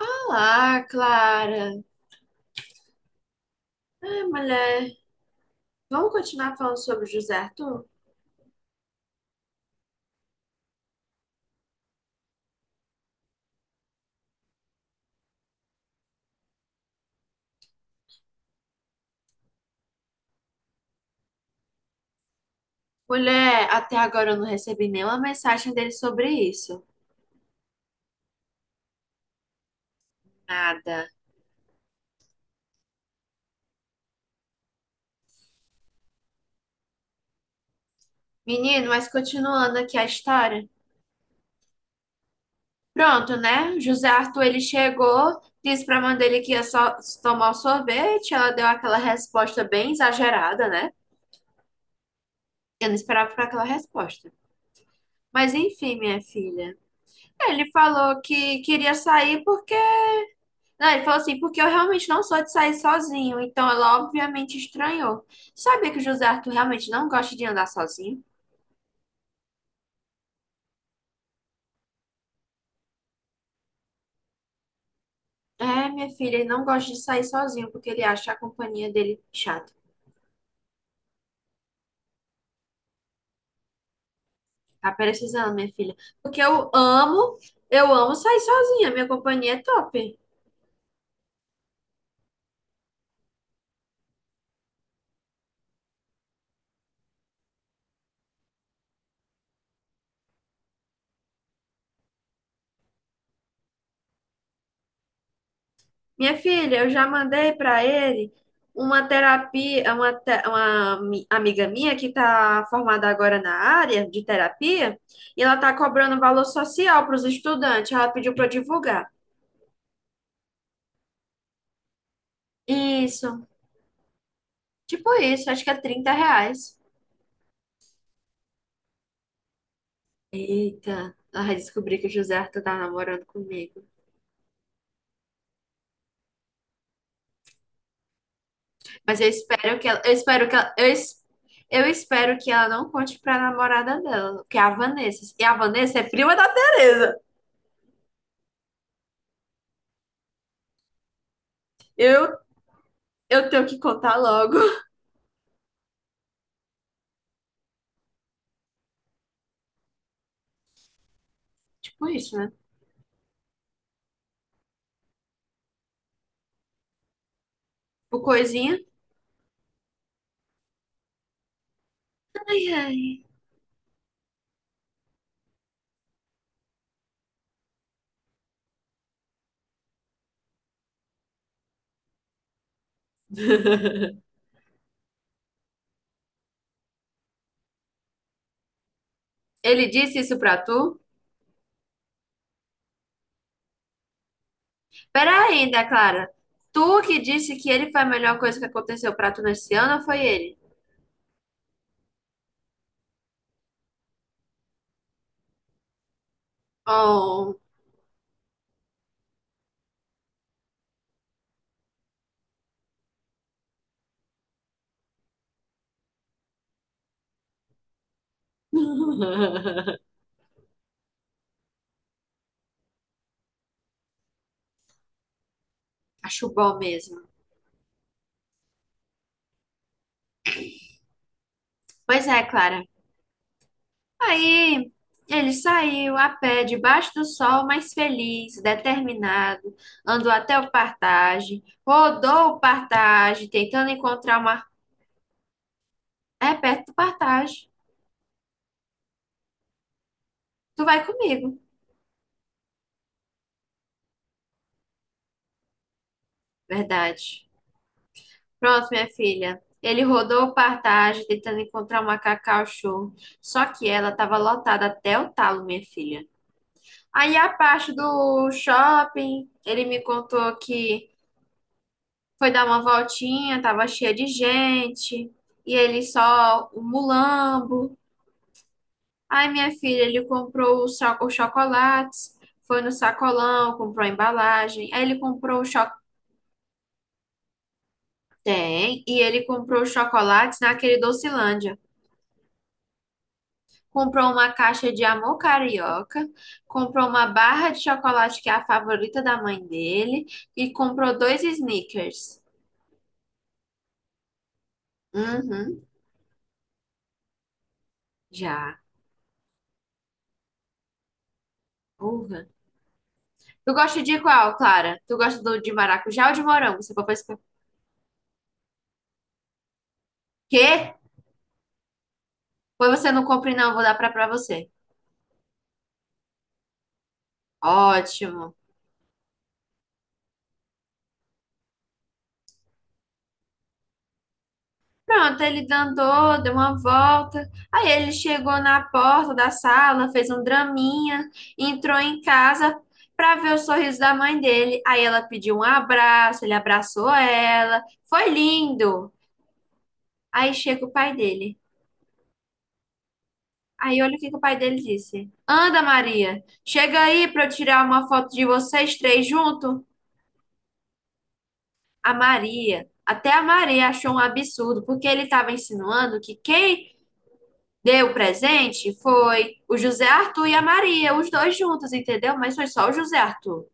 Olá, Clara. Ai, mulher, vamos continuar falando sobre o José Arthur? Mulher, até agora eu não recebi nenhuma mensagem dele sobre isso. Nada. Menino, mas continuando aqui a história. Pronto, né? José Arthur, ele chegou, disse pra mãe dele que ia só tomar o sorvete. Ela deu aquela resposta bem exagerada, né? Eu não esperava por aquela resposta. Mas enfim, minha filha. Ele falou que queria sair porque não, ele falou assim, porque eu realmente não sou de sair sozinho. Então ela obviamente estranhou. Sabia que o José Arthur realmente não gosta de andar sozinho? É, minha filha, ele não gosta de sair sozinho porque ele acha a companhia dele chata. Tá precisando, minha filha. Porque eu amo sair sozinha. Minha companhia é top. Minha filha, eu já mandei para ele uma terapia, uma amiga minha que está formada agora na área de terapia, e ela está cobrando valor social para os estudantes. Ela pediu para eu divulgar. Isso, tipo isso, acho que é 30 reais. Eita, ela vai descobrir que o José Arthur tá namorando comigo. Mas eu espero que ela, eu espero que ela, eu, es- eu espero que ela não conte pra namorada dela, que é a Vanessa. E a Vanessa é prima da Tereza. Eu Eu tenho que contar logo. Tipo isso, né? O coisinha. Ai, ai. Ele disse isso pra tu? Pera aí, ainda, Clara. Tu que disse que ele foi a melhor coisa que aconteceu pra tu nesse ano ou foi ele? Oh. Acho bom mesmo. Pois é, Clara. Aí ele saiu a pé debaixo do sol, mas feliz, determinado. Andou até o Partage, rodou o Partage, tentando encontrar uma. É perto do Partage. Tu vai comigo. Verdade. Pronto, minha filha. Ele rodou o Partage tentando encontrar uma cacau-show. Só que ela estava lotada até o talo, minha filha. Aí a parte do shopping, ele me contou que foi dar uma voltinha, tava cheia de gente. E ele só o mulambo. Aí minha filha, ele comprou os chocolates, foi no sacolão, comprou a embalagem. Aí ele comprou o chocolate. Tem, e ele comprou os chocolates naquele Docilândia. Comprou uma caixa de amor carioca, comprou uma barra de chocolate que é a favorita da mãe dele e comprou dois snickers. Uhum, já. Uva. Tu gosta de qual, Clara? Tu gosta do de maracujá ou de morango? Você pode pra escolher. Quê? Pois você não compra, não, vou dar pra você. Ótimo. Pronto, ele andou, deu uma volta. Aí ele chegou na porta da sala, fez um draminha, entrou em casa para ver o sorriso da mãe dele. Aí ela pediu um abraço, ele abraçou ela. Foi lindo. Aí chega o pai dele. Aí olha o que que o pai dele disse. Anda, Maria, chega aí para eu tirar uma foto de vocês três junto. A Maria, até a Maria achou um absurdo, porque ele estava insinuando que quem deu presente? Foi o José Arthur e a Maria, os dois juntos, entendeu? Mas foi só o José Arthur.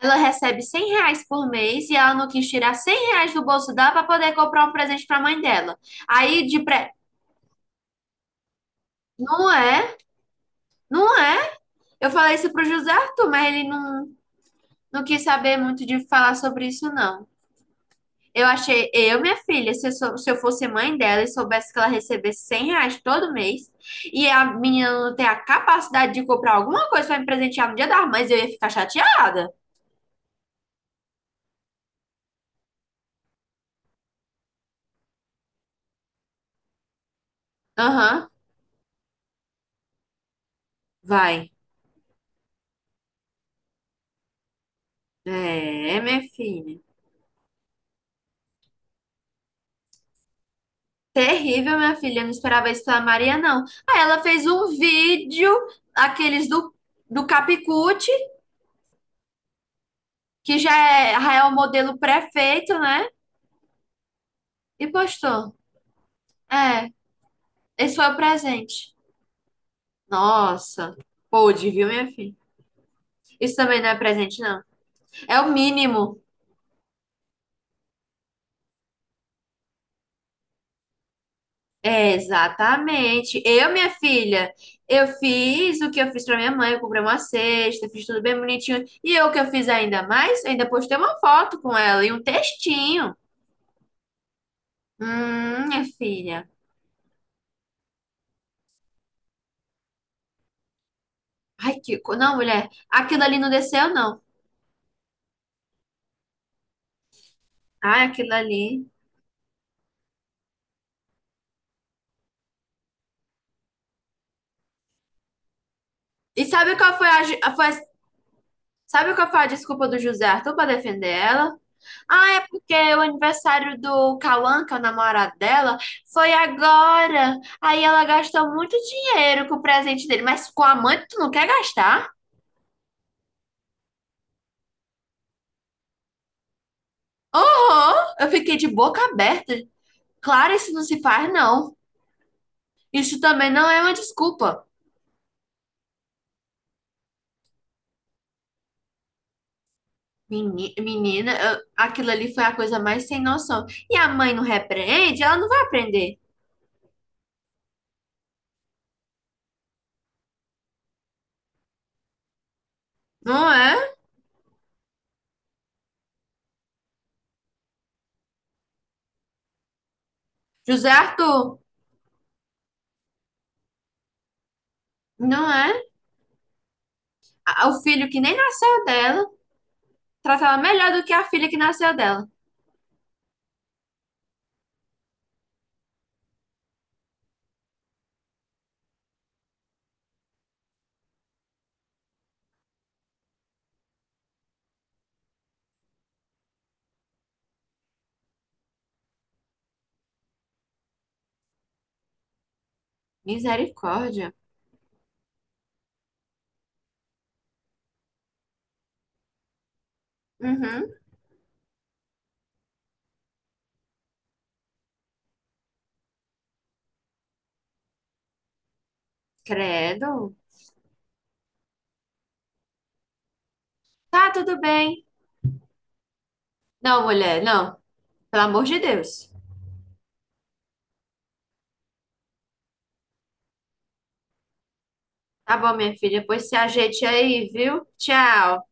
Ela recebe 100 reais por mês e ela não quis tirar 100 reais do bolso dela para poder comprar um presente para a mãe dela. Aí de pré. Não é? Não é? Eu falei isso pro José Arthur, mas ele não, não quis saber muito de falar sobre isso, não. Eu achei, eu, minha filha, se eu fosse mãe dela e soubesse que ela recebesse 100 reais todo mês e a menina não tem a capacidade de comprar alguma coisa pra me presentear no Dia das Mães, eu ia ficar chateada. Aham, vai. É, minha filha. Terrível, minha filha. Eu não esperava isso pela Maria, não. Aí ela fez um vídeo, aqueles do Capicute, que já é o modelo prefeito, né? E postou. É, esse foi o presente. Nossa, pôde, viu, minha filha? Isso também não é presente, não. É o mínimo. É, exatamente. Eu, minha filha, eu fiz o que eu fiz pra minha mãe. Eu comprei uma cesta, fiz tudo bem bonitinho. E eu, o que eu fiz ainda mais, ainda postei uma foto com ela e um textinho. Minha filha. Não, mulher, aquilo ali não desceu, não. Ai, aquilo ali. E sabe qual foi a. ju- a- foi- Sabe qual foi a desculpa do José Arthur pra defender ela? Ah, é porque o aniversário do Cauã, que é o namorado dela, foi agora. Aí ela gastou muito dinheiro com o presente dele, mas com a mãe tu não quer gastar? Oh, eu fiquei de boca aberta. Claro, isso não se faz, não. Isso também não é uma desculpa. Menina, aquilo ali foi a coisa mais sem noção. E a mãe não repreende, ela não vai aprender. Não é? José Arthur, não é? O filho que nem nasceu dela, trata ela melhor do que a filha que nasceu dela. Misericórdia. Uhum. Credo. Tá, tudo bem. Não, mulher, não. Pelo amor de Deus. Tá bom, minha filha. Depois se ajeite aí, viu? Tchau.